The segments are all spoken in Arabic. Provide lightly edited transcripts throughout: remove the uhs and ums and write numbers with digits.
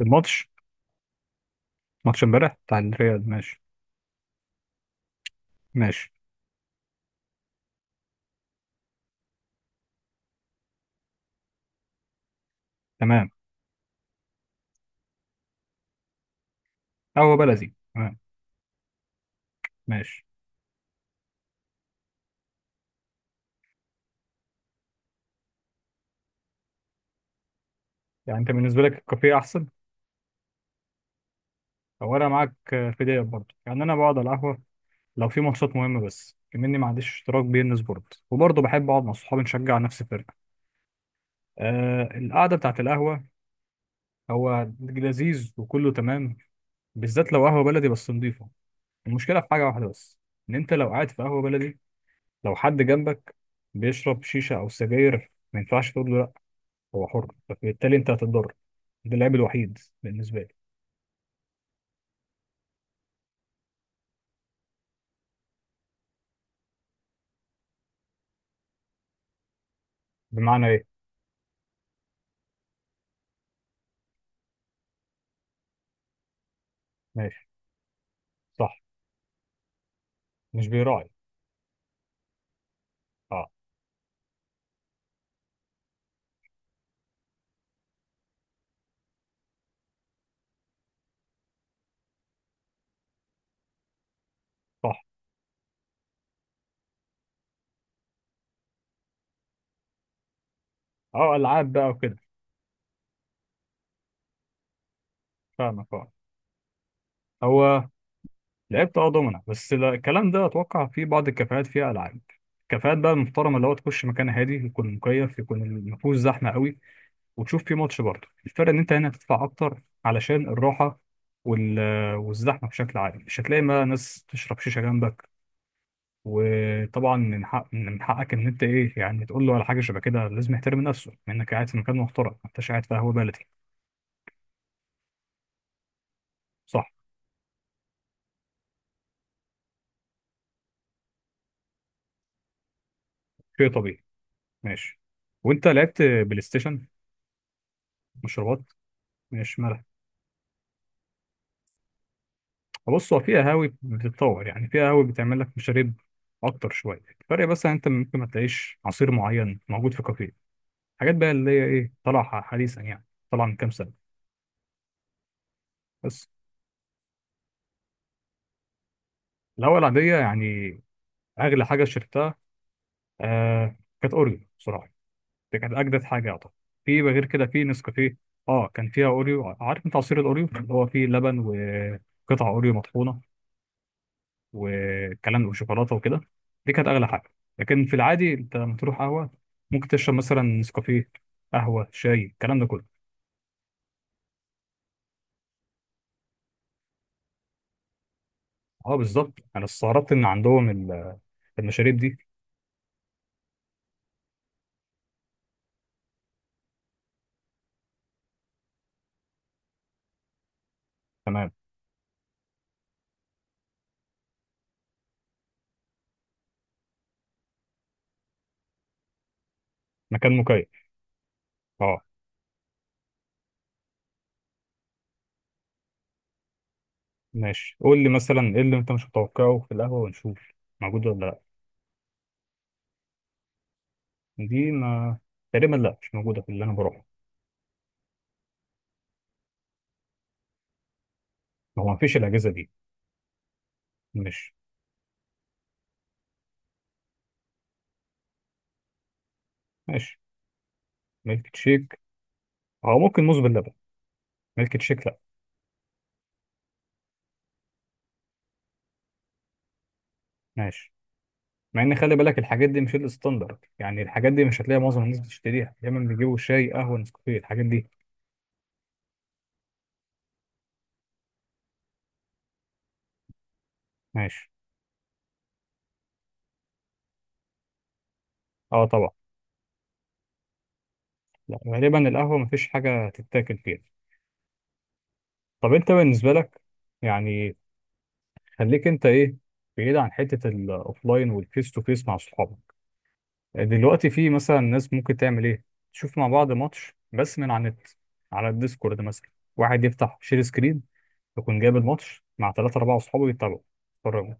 الماتش ماتش امبارح بتاع الريال، ماشي. ماشي، تمام. قهوة بلدي، تمام. ماشي. يعني انت بالنسبة لك الكافيه احسن او انا معاك. في ديت برضه، يعني انا بقعد على القهوة لو في ماتشات مهمة، بس كمني ما عنديش اشتراك بي ان سبورت، وبرضه بحب اقعد مع صحابي نشجع نفس الفرقة. آه، القعدة بتاعت القهوة هو لذيذ وكله تمام، بالذات لو قهوة بلدي بس نضيفة. المشكلة في حاجة واحدة بس، إن أنت لو قاعد في قهوة بلدي، لو حد جنبك بيشرب شيشة أو سجاير ما ينفعش تقول له، هو حر، فبالتالي انت هتتضرر. ده العيب الوحيد بالنسبه لي. بمعنى ايه؟ ماشي. صح، مش بيراعي. اه. صح. اه، العاب بقى وكده. فاهمك اه. هو لعبت دومنا، بس الكلام ده اتوقع في بعض الكافيهات فيها العاب. الكافيهات بقى المحترمه اللي هو تخش مكان هادي، يكون مكيف، يكون المفهوش زحمه قوي، وتشوف فيه ماتش برضه. الفرق ان انت هنا هتدفع اكتر علشان الراحه وال... والزحمه بشكل عام، مش هتلاقي بقى ناس تشرب شيشه جنبك. وطبعا من حق من حقك ان انت ايه يعني تقول له على حاجه شبه كده، لازم يحترم نفسه، انك قاعد في مكان محترم ما انتش قاعد في قهوه بلدي. صح، شيء طبيعي. ماشي. وانت لعبت بلاي ستيشن؟ مشروبات. ماشي، مالها. بص، هو في قهاوي بتتطور، يعني في قهاوي بتعمل لك مشاريب اكتر شويه. الفرق بس ان انت ممكن ما تلاقيش عصير معين موجود في كافيه، حاجات بقى اللي هي ايه، طالعه حديثا يعني، طالعه من كام سنه. بس الهوا العاديه يعني، اغلى حاجه شربتها آه كانت اوريو بصراحه، دي كانت اجدد حاجه اعتقد. في غير كده في نسكافيه، اه كان فيها اوريو. عارف انت عصير الاوريو اللي هو فيه لبن وقطع اوريو مطحونه والكلام ده وشوكولاته وكده، دي كانت اغلى حاجه. لكن في العادي انت لما تروح قهوه ممكن تشرب مثلا نسكافيه، قهوه، شاي، الكلام ده كله. اه بالظبط، انا استغربت ان عندهم المشاريب دي. تمام، مكان مكيف. اه. ماشي، قول لي مثلا ايه اللي انت مش متوقعه في القهوه ونشوف موجود ولا لا. دي ما تقريبا لا، مش موجوده في اللي انا بروحه. هو ما فيش الاجهزه دي. ماشي. ماشي، ميلك شيك او ممكن موز باللبن. ميلك شيك لا. ماشي، مع ان خلي بالك الحاجات دي مش الستاندرد، يعني الحاجات دي مش هتلاقي معظم الناس بتشتريها، دايما بيجيبوا شاي، قهوه، نسكافيه، الحاجات دي. ماشي. اه طبعا. لا، غالبا القهوه مفيش حاجه تتاكل فيها. طب انت بالنسبه لك يعني، خليك انت ايه، بعيد عن حته الاوفلاين والفيس تو فيس مع صحابك. دلوقتي في مثلا ناس ممكن تعمل ايه، تشوف مع بعض ماتش بس من على النت، على الديسكورد مثلا. واحد يفتح شير سكرين، يكون جايب الماتش مع 3 4 أصحابه، يتابعوا، يتفرجوا.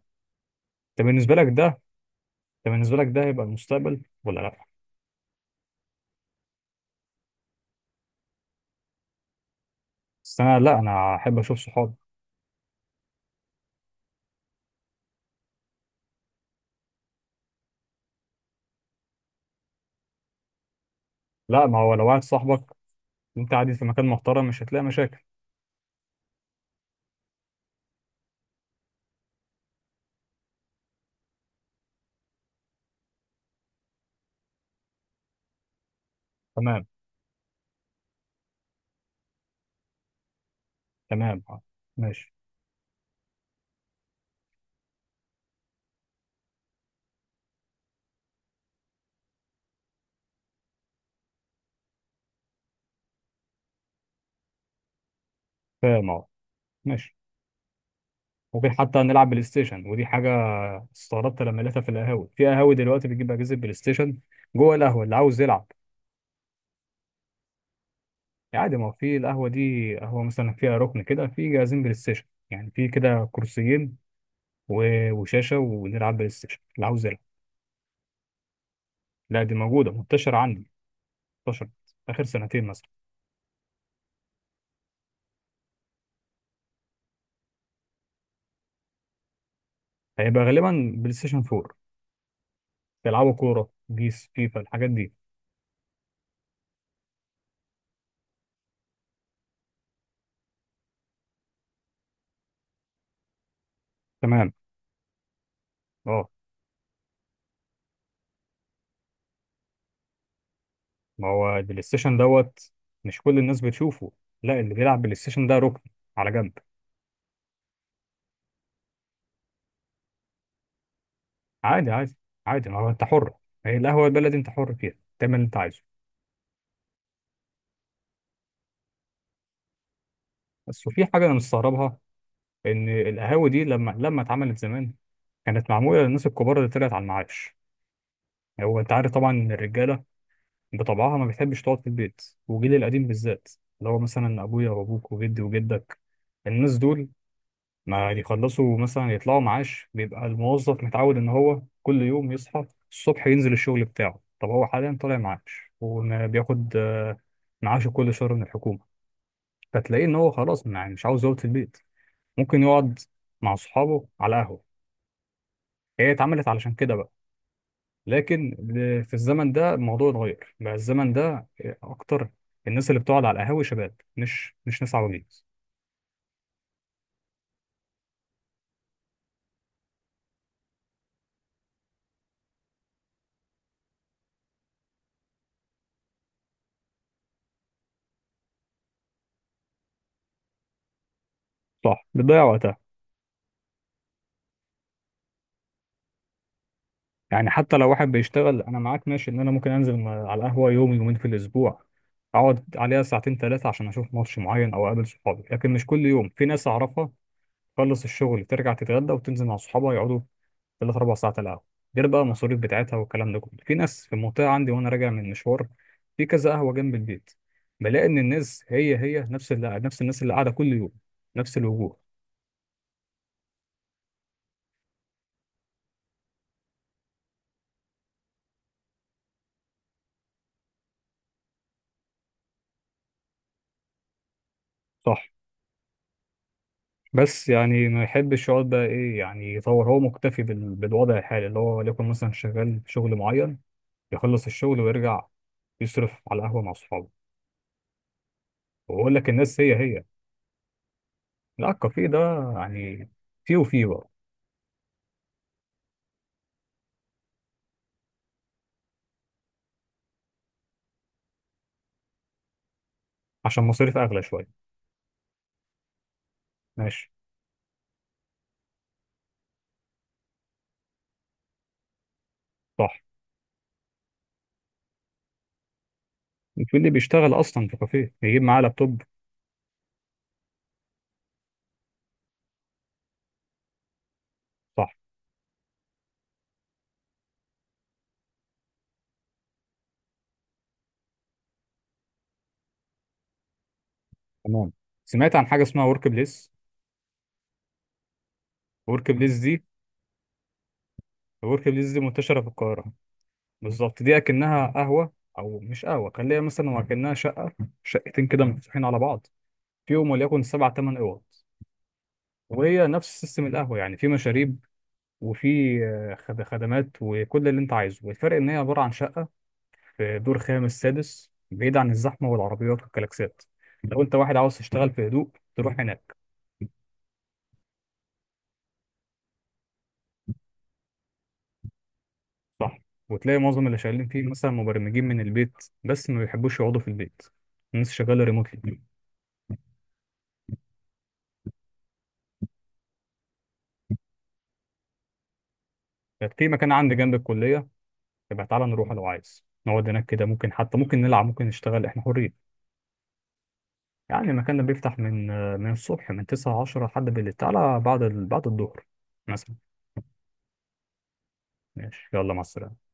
انت بالنسبة لك ده، انت بالنسبة لك ده هيبقى المستقبل ولا لأ؟ بس أنا لأ، أنا أحب أشوف صحابي. لأ، ما هو لو واحد صاحبك وأنت قاعد في مكان محترم مش هتلاقي مشاكل. تمام. تمام، آه. ماشي. فاهم أه. ماشي. ممكن حتى نلعب بلاي ستيشن، ودي حاجة استغربت لما لقيتها في القهاوي، في قهاوي دلوقتي بتجيب أجهزة بلاي ستيشن جوه القهوة، اللي عاوز يلعب. عادي، ما هو في القهوة دي، قهوة مثلا فيها ركن كده، في جهازين بلاي ستيشن، يعني في كده كرسيين وشاشة، ونلعب بلاي ستيشن اللي عاوز يلعب. لا، دي موجودة منتشرة عندي، انتشرت آخر سنتين مثلا. هيبقى غالبا بلاي ستيشن 4، بيلعبوا كورة، بيس، فيفا، الحاجات دي. تمام. اه، ما هو البلاي ستيشن دوت، مش كل الناس بتشوفه. لا، اللي بيلعب بلاي ستيشن ده ركن على جنب. عادي، عادي، عادي. ما هو انت حر، هي القهوة البلدي انت حر فيها، تعمل اللي انت عايزه. بس وفي حاجة أنا مستغربها، ان القهاوي دي لما اتعملت زمان، كانت معموله للناس الكبار اللي طلعت على المعاش. هو انت عارف طبعا ان الرجاله بطبعها ما بتحبش تقعد في البيت، وجيل القديم بالذات، اللي هو مثلا ابويا وابوك وجدي وجدك، الناس دول ما يخلصوا مثلا يطلعوا معاش بيبقى الموظف متعود ان هو كل يوم يصحى الصبح ينزل الشغل بتاعه. طب هو حاليا طالع معاش، وما بياخد معاشه كل شهر من الحكومه. فتلاقيه ان هو خلاص مش عاوز يقعد في البيت، ممكن يقعد مع صحابه على قهوه. هي اتعملت علشان كده بقى. لكن في الزمن ده الموضوع اتغير بقى. الزمن ده اكتر الناس اللي بتقعد على القهاوي شباب، مش ناس عواجيز. صح، بتضيع وقتها. يعني حتى لو واحد بيشتغل، انا معاك ماشي ان انا ممكن انزل على القهوه يوم يومين في الاسبوع، اقعد عليها ساعتين 3 عشان اشوف ماتش معين او اقابل صحابي، لكن مش كل يوم. في ناس اعرفها تخلص الشغل ترجع تتغدى وتنزل مع صحابها يقعدوا 3 4 ساعات على القهوة، غير بقى المصاريف بتاعتها والكلام ده كله. في ناس في المنطقة عندي، وأنا راجع من مشوار في كذا قهوة جنب البيت، بلاقي إن الناس هي هي، نفس اللي نفس الناس اللي قاعدة كل يوم، نفس الوجوه. صح. بس يعني ما يحبش يقعد بقى إيه يعني، يطور. هو مكتفي بالوضع الحالي، اللي هو ليكن مثلا شغال في شغل معين، يخلص الشغل ويرجع يصرف على قهوة مع صحابه. وأقول لك الناس هي هي. لا، الكافيه ده يعني، فيه وفيه بقى. عشان مصاريف اغلى شويه. ماشي. صح. بتقول لي بيشتغل اصلا في كافيه يجيب معاه لابتوب. صح، تمام. سمعت عن حاجه اسمها ورك بليس. ورك بليس دي، ورك بليس دي منتشره في القاهره، بالظبط. دي اكنها قهوه او مش قهوه، خليها مثلا وكانها شقه، شقتين كده مفتوحين على بعض، فيهم وليكن 7 8 اوض، وهي نفس سيستم القهوه، يعني في مشاريب وفي خدمات وكل اللي انت عايزه. والفرق ان هي عباره عن شقه في دور خامس سادس بعيد عن الزحمة والعربيات والكلاكسات، لو أنت واحد عاوز تشتغل في هدوء تروح هناك. صح. وتلاقي معظم اللي شغالين فيه مثلا مبرمجين من البيت، بس ما بيحبوش يقعدوا في البيت، الناس شغالة ريموتلي. في مكان عندي جنب الكلية، يبقى تعالى نروح لو عايز. نقعد هناك كده، ممكن حتى ممكن نلعب، ممكن نشتغل، احنا حرين. يعني المكان ده بيفتح من الصبح من 9 10 لحد بالليل. تعالى بعد بعد الظهر مثلا. ماشي يلا، مع السلامة.